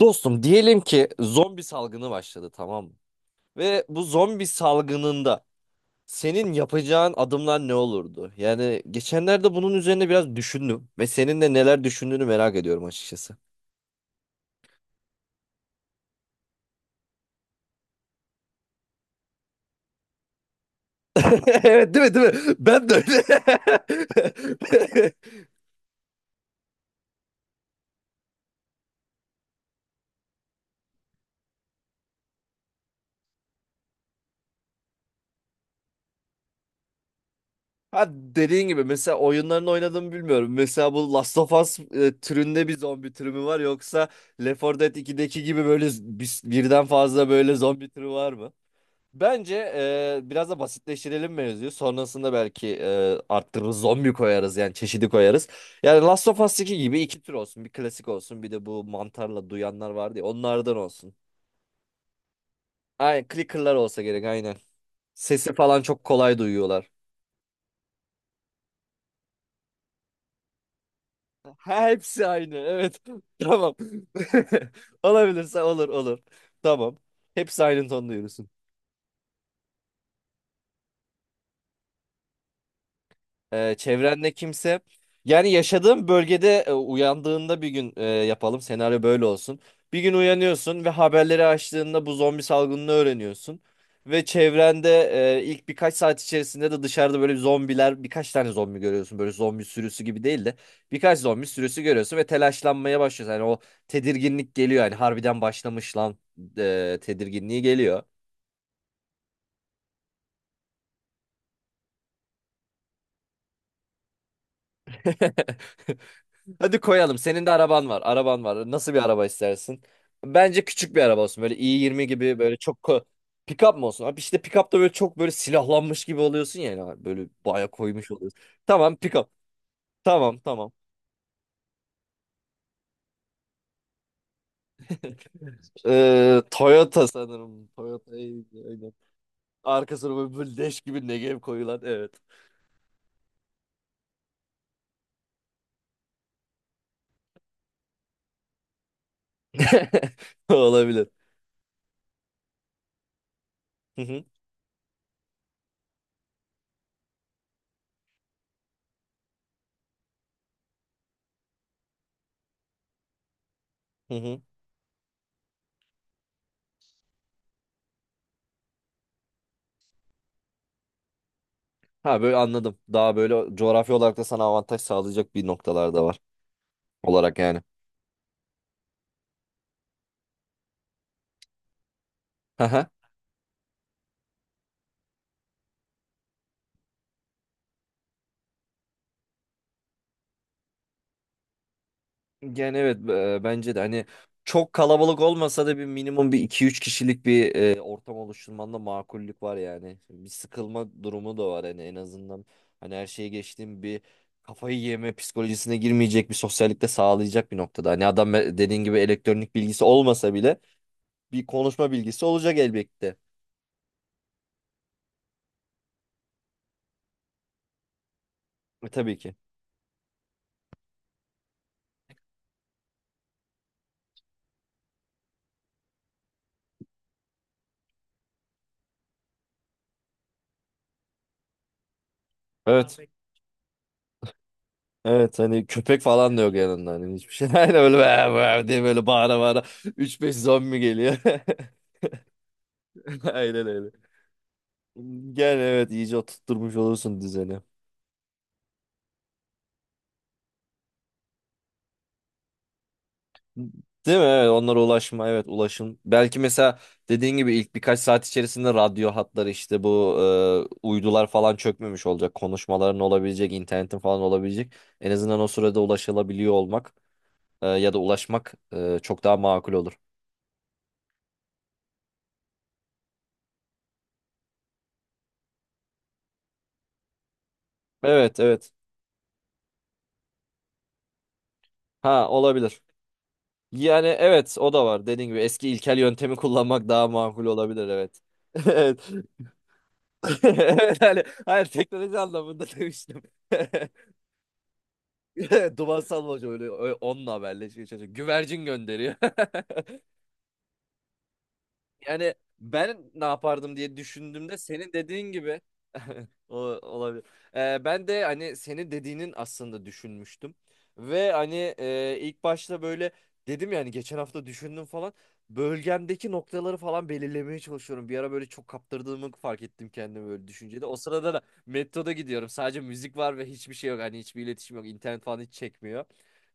Dostum, diyelim ki zombi salgını başladı, tamam mı? Ve bu zombi salgınında senin yapacağın adımlar ne olurdu? Yani geçenlerde bunun üzerine biraz düşündüm ve senin de neler düşündüğünü merak ediyorum açıkçası. Evet, değil mi? Değil mi Ben de öyle. Ha, dediğin gibi mesela oyunlarını oynadığımı bilmiyorum. Mesela bu Last of Us türünde bir zombi türü mü var, yoksa Left 4 Dead 2'deki gibi böyle birden fazla böyle zombi türü var mı? Bence biraz da basitleştirelim mevzuyu. Sonrasında belki arttırırız, zombi koyarız, yani çeşidi koyarız. Yani Last of Us 2 gibi iki tür olsun. Bir klasik olsun, bir de bu mantarla duyanlar vardı ya, onlardan olsun. Aynen, clicker'lar olsa gerek, aynen. Sesi falan çok kolay duyuyorlar. Ha, hepsi aynı, evet. Tamam. Olabilirse olur olur. Tamam. Hepsi aynı tonda yürüsün. Çevrende kimse. Yani yaşadığın bölgede uyandığında bir gün yapalım. Senaryo böyle olsun. Bir gün uyanıyorsun ve haberleri açtığında bu zombi salgınını öğreniyorsun. Ve çevrende ilk birkaç saat içerisinde de dışarıda böyle zombiler, birkaç tane zombi görüyorsun. Böyle zombi sürüsü gibi değil de birkaç zombi sürüsü görüyorsun ve telaşlanmaya başlıyorsun. Yani o tedirginlik geliyor, yani harbiden başlamış lan tedirginliği geliyor. Hadi koyalım. Senin de araban var. Araban var. Nasıl bir araba istersin? Bence küçük bir araba olsun. Böyle i20 gibi böyle çok pick-up mı olsun? Abi işte pick-up'ta böyle çok böyle silahlanmış gibi oluyorsun ya. Yani. Böyle baya koymuş oluyorsun. Tamam, pick-up. Tamam, tamam. Toyota sanırım. Toyota, aynen. Arkasına böyle, böyle leş gibi Negev koyulan. Evet. Olabilir. Hı hı, hı hı. Ha, böyle anladım. Daha böyle coğrafi olarak da sana avantaj sağlayacak bir noktalar da var. Olarak yani. Yani evet, bence de hani çok kalabalık olmasa da bir minimum bir iki üç kişilik bir ortam oluşturmanda makullük var yani. Bir sıkılma durumu da var, hani en azından hani her şeye geçtiğim bir kafayı yeme psikolojisine girmeyecek bir sosyallik de sağlayacak bir noktada. Hani adam dediğin gibi elektronik bilgisi olmasa bile bir konuşma bilgisi olacak elbette. Tabii ki. Evet. Evet, hani köpek falan da yok yanında, hani hiçbir şey. Aynen öyle, "Vah, vah" diye böyle bağıra bağıra 3-5 zombi geliyor. Aynen öyle. Gel, evet, iyice oturtmuş olursun düzeni. Değil mi? Evet, onlara ulaşma, evet, ulaşım. Belki mesela dediğin gibi ilk birkaç saat içerisinde radyo hatları, işte bu uydular falan çökmemiş olacak. Konuşmaların olabilecek, internetin falan olabilecek. En azından o sürede ulaşılabiliyor olmak ya da ulaşmak çok daha makul olur. Evet, evet. Ha, olabilir. Yani evet, o da var. Dediğin gibi eski ilkel yöntemi kullanmak daha makul olabilir, evet. Evet. Evet, hani hayır, teknoloji anlamında demiştim. Duman salmaca, öyle, öyle onunla haberleşiyor çocuk. Güvercin gönderiyor. Yani ben ne yapardım diye düşündüğümde senin dediğin gibi o olabilir. Ben de hani senin dediğinin aslında düşünmüştüm. Ve hani ilk başta böyle dedim, yani geçen hafta düşündüm falan. Bölgemdeki noktaları falan belirlemeye çalışıyorum. Bir ara böyle çok kaptırdığımı fark ettim kendimi böyle düşüncede. O sırada da metroda gidiyorum. Sadece müzik var ve hiçbir şey yok. Hani hiçbir iletişim yok. İnternet falan hiç çekmiyor.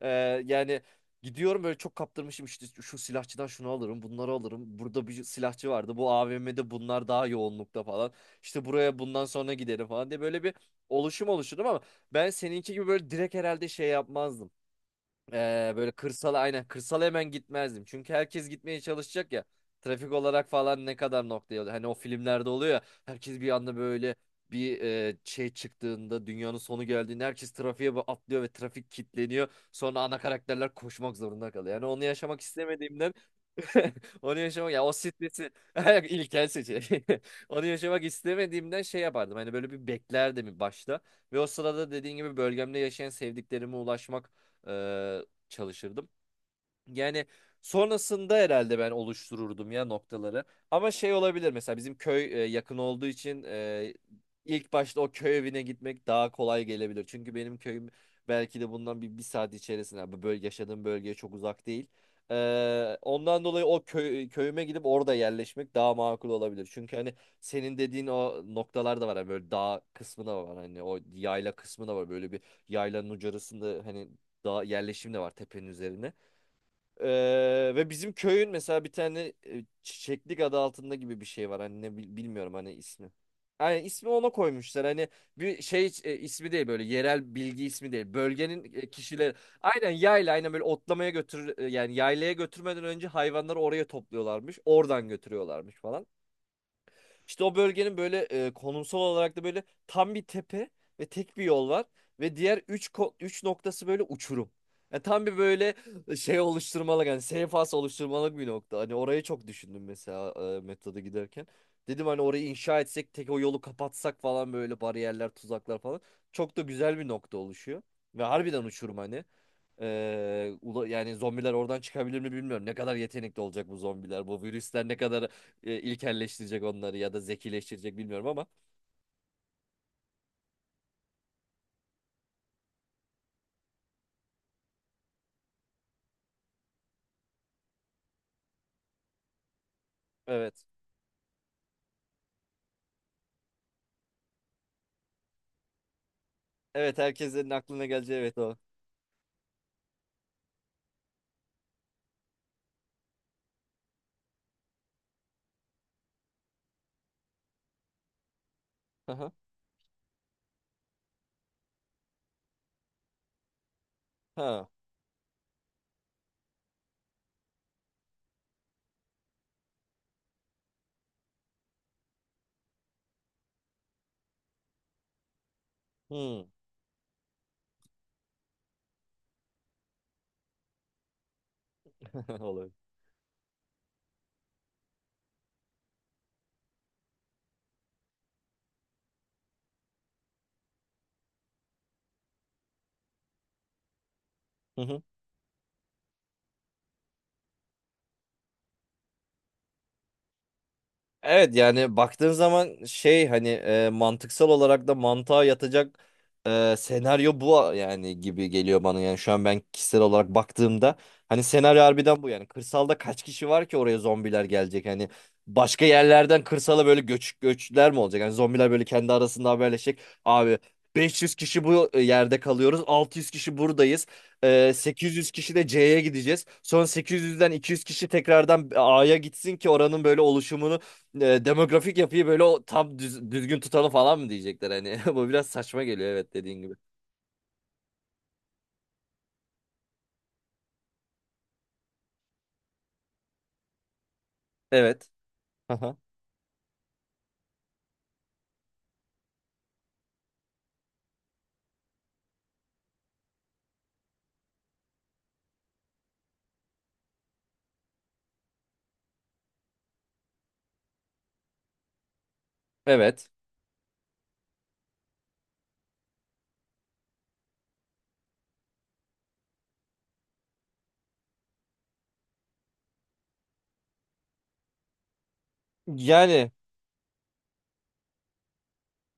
Ee, yani gidiyorum böyle, çok kaptırmışım, işte şu silahçıdan şunu alırım, bunları alırım. Burada bir silahçı vardı. Bu AVM'de bunlar daha yoğunlukta falan. İşte buraya bundan sonra giderim falan diye böyle bir oluşum oluşturdum, ama ben seninki gibi böyle direkt herhalde şey yapmazdım. Böyle kırsala, aynen kırsala hemen gitmezdim. Çünkü herkes gitmeye çalışacak ya. Trafik olarak falan ne kadar noktaya oluyor. Hani o filmlerde oluyor ya, herkes bir anda böyle bir şey çıktığında, dünyanın sonu geldiğinde herkes trafiğe atlıyor ve trafik kilitleniyor. Sonra ana karakterler koşmak zorunda kalıyor. Yani onu yaşamak istemediğimden onu yaşamak, ya, o stresi, ilkel seçenek. Onu yaşamak istemediğimden şey yapardım. Hani böyle bir beklerdim başta ve o sırada dediğin gibi bölgemde yaşayan sevdiklerime ulaşmak çalışırdım. Yani sonrasında herhalde ben oluştururdum ya noktaları. Ama şey olabilir, mesela bizim köy yakın olduğu için ilk başta o köy evine gitmek daha kolay gelebilir. Çünkü benim köyüm belki de bundan bir saat içerisinde, bu bölge, yaşadığım bölgeye çok uzak değil. Ondan dolayı o köyüme gidip orada yerleşmek daha makul olabilir. Çünkü hani senin dediğin o noktalar da var. Hani böyle dağ kısmı da var. Hani o yayla kısmı da var. Böyle bir yaylanın ucurasında, hani dağ yerleşim de var tepenin üzerine. Ve bizim köyün mesela bir tane Çiçeklik adı altında gibi bir şey var. Hani bilmiyorum hani ismi. Yani ismi ona koymuşlar. Hani bir şey ismi değil, böyle yerel bilgi ismi değil. Bölgenin kişileri aynen yayla, aynen böyle otlamaya yani yaylaya götürmeden önce hayvanları oraya topluyorlarmış. Oradan götürüyorlarmış falan. İşte o bölgenin böyle konumsal olarak da böyle tam bir tepe ve tek bir yol var ve diğer üç noktası böyle uçurum. Yani tam bir böyle şey oluşturmalık, yani seyfas oluşturmalık bir nokta. Hani orayı çok düşündüm mesela metroda giderken. Dedim hani orayı inşa etsek, tek o yolu kapatsak falan, böyle bariyerler, tuzaklar falan. Çok da güzel bir nokta oluşuyor. Ve harbiden uçurum hani. Yani zombiler oradan çıkabilir mi bilmiyorum. Ne kadar yetenekli olacak bu zombiler. Bu virüsler ne kadar ilkelleştirecek onları ya da zekileştirecek bilmiyorum ama. Evet. Evet, herkesin aklına geleceği, evet, o. Aha. Ha. Hmm. Olabilir. Evet yani, baktığın zaman şey hani mantıksal olarak da mantığa yatacak senaryo bu yani gibi geliyor bana, yani şu an ben kişisel olarak baktığımda, hani senaryo harbiden bu. Yani kırsalda kaç kişi var ki oraya zombiler gelecek, hani başka yerlerden kırsala böyle göçler mi olacak, yani zombiler böyle kendi arasında haberleşecek, abi, 500 kişi bu yerde kalıyoruz, 600 kişi buradayız, 800 kişi de C'ye gideceğiz. Sonra 800'den 200 kişi tekrardan A'ya gitsin ki oranın böyle oluşumunu, demografik yapıyı böyle o tam düzgün tutalım falan mı diyecekler hani. Bu biraz saçma geliyor, evet, dediğin gibi. Evet. Aha. Evet. Yani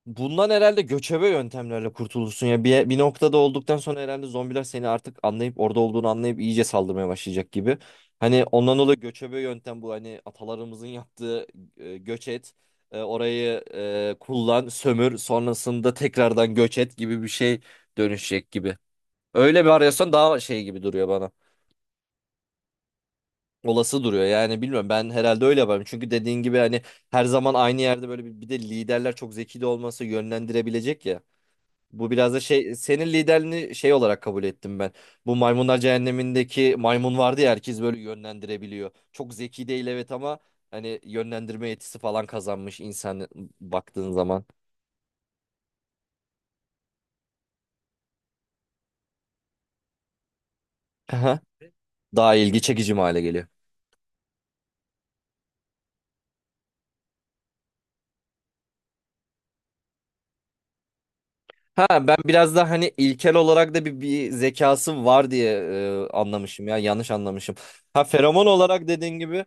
bundan herhalde göçebe yöntemlerle kurtulursun ya. Bir noktada olduktan sonra herhalde zombiler seni artık anlayıp orada olduğunu anlayıp iyice saldırmaya başlayacak gibi. Hani ondan dolayı göçebe yöntem bu, hani atalarımızın yaptığı göç et. Orayı kullan, sömür, sonrasında tekrardan göç et gibi bir şey dönüşecek gibi. Öyle bir arıyorsan daha şey gibi duruyor bana. Olası duruyor yani, bilmiyorum, ben herhalde öyle yaparım çünkü dediğin gibi hani her zaman aynı yerde böyle bir de liderler çok zeki de olması yönlendirebilecek ya. Bu biraz da şey, senin liderliğini şey olarak kabul ettim ben. Bu Maymunlar Cehennemi'ndeki maymun vardı ya, herkes böyle yönlendirebiliyor. Çok zeki değil evet, ama hani yönlendirme yetisi falan kazanmış insan baktığın zaman. Aha. Daha ilgi çekici mi hale geliyor. Ha, ben biraz daha hani ilkel olarak da bir zekası var diye anlamışım, ya yanlış anlamışım. Ha, feromon olarak dediğin gibi,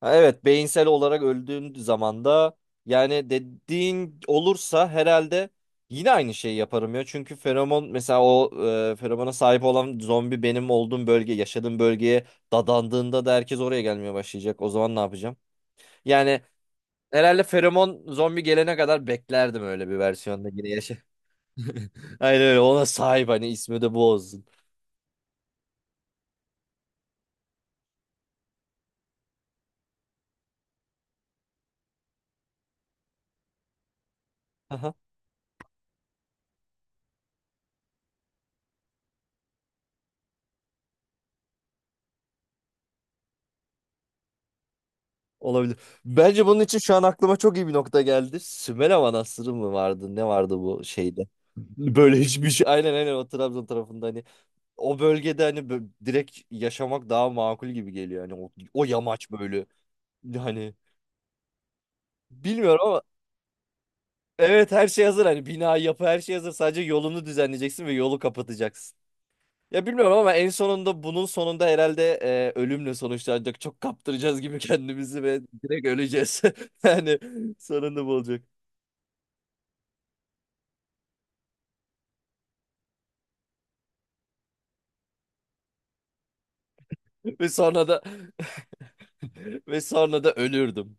ha, evet, beyinsel olarak öldüğün zaman da yani dediğin olursa herhalde yine aynı şeyi yaparım ya. Çünkü feromon mesela o feromona sahip olan zombi benim olduğum yaşadığım bölgeye dadandığında da herkes oraya gelmeye başlayacak. O zaman ne yapacağım? Yani herhalde feromon zombi gelene kadar beklerdim öyle bir versiyonda yine. Aynen öyle, ona sahip, hani ismi de bu olsun. Aha, olabilir. Bence bunun için şu an aklıma çok iyi bir nokta geldi. Sümela Manastırı mı vardı? Ne vardı bu şeyde? Böyle hiçbir şey. Aynen, aynen, o Trabzon tarafında hani o bölgede hani direkt yaşamak daha makul gibi geliyor. Hani o yamaç böyle, hani bilmiyorum ama evet, her şey hazır, hani bina, yapı, her şey hazır, sadece yolunu düzenleyeceksin ve yolu kapatacaksın. Ya bilmiyorum ama en sonunda, bunun sonunda herhalde ölümle sonuçlanacak. Çok kaptıracağız gibi kendimizi ve direkt öleceğiz. Yani sonunda bu olacak. Ve sonra da ve sonra da ölürdüm.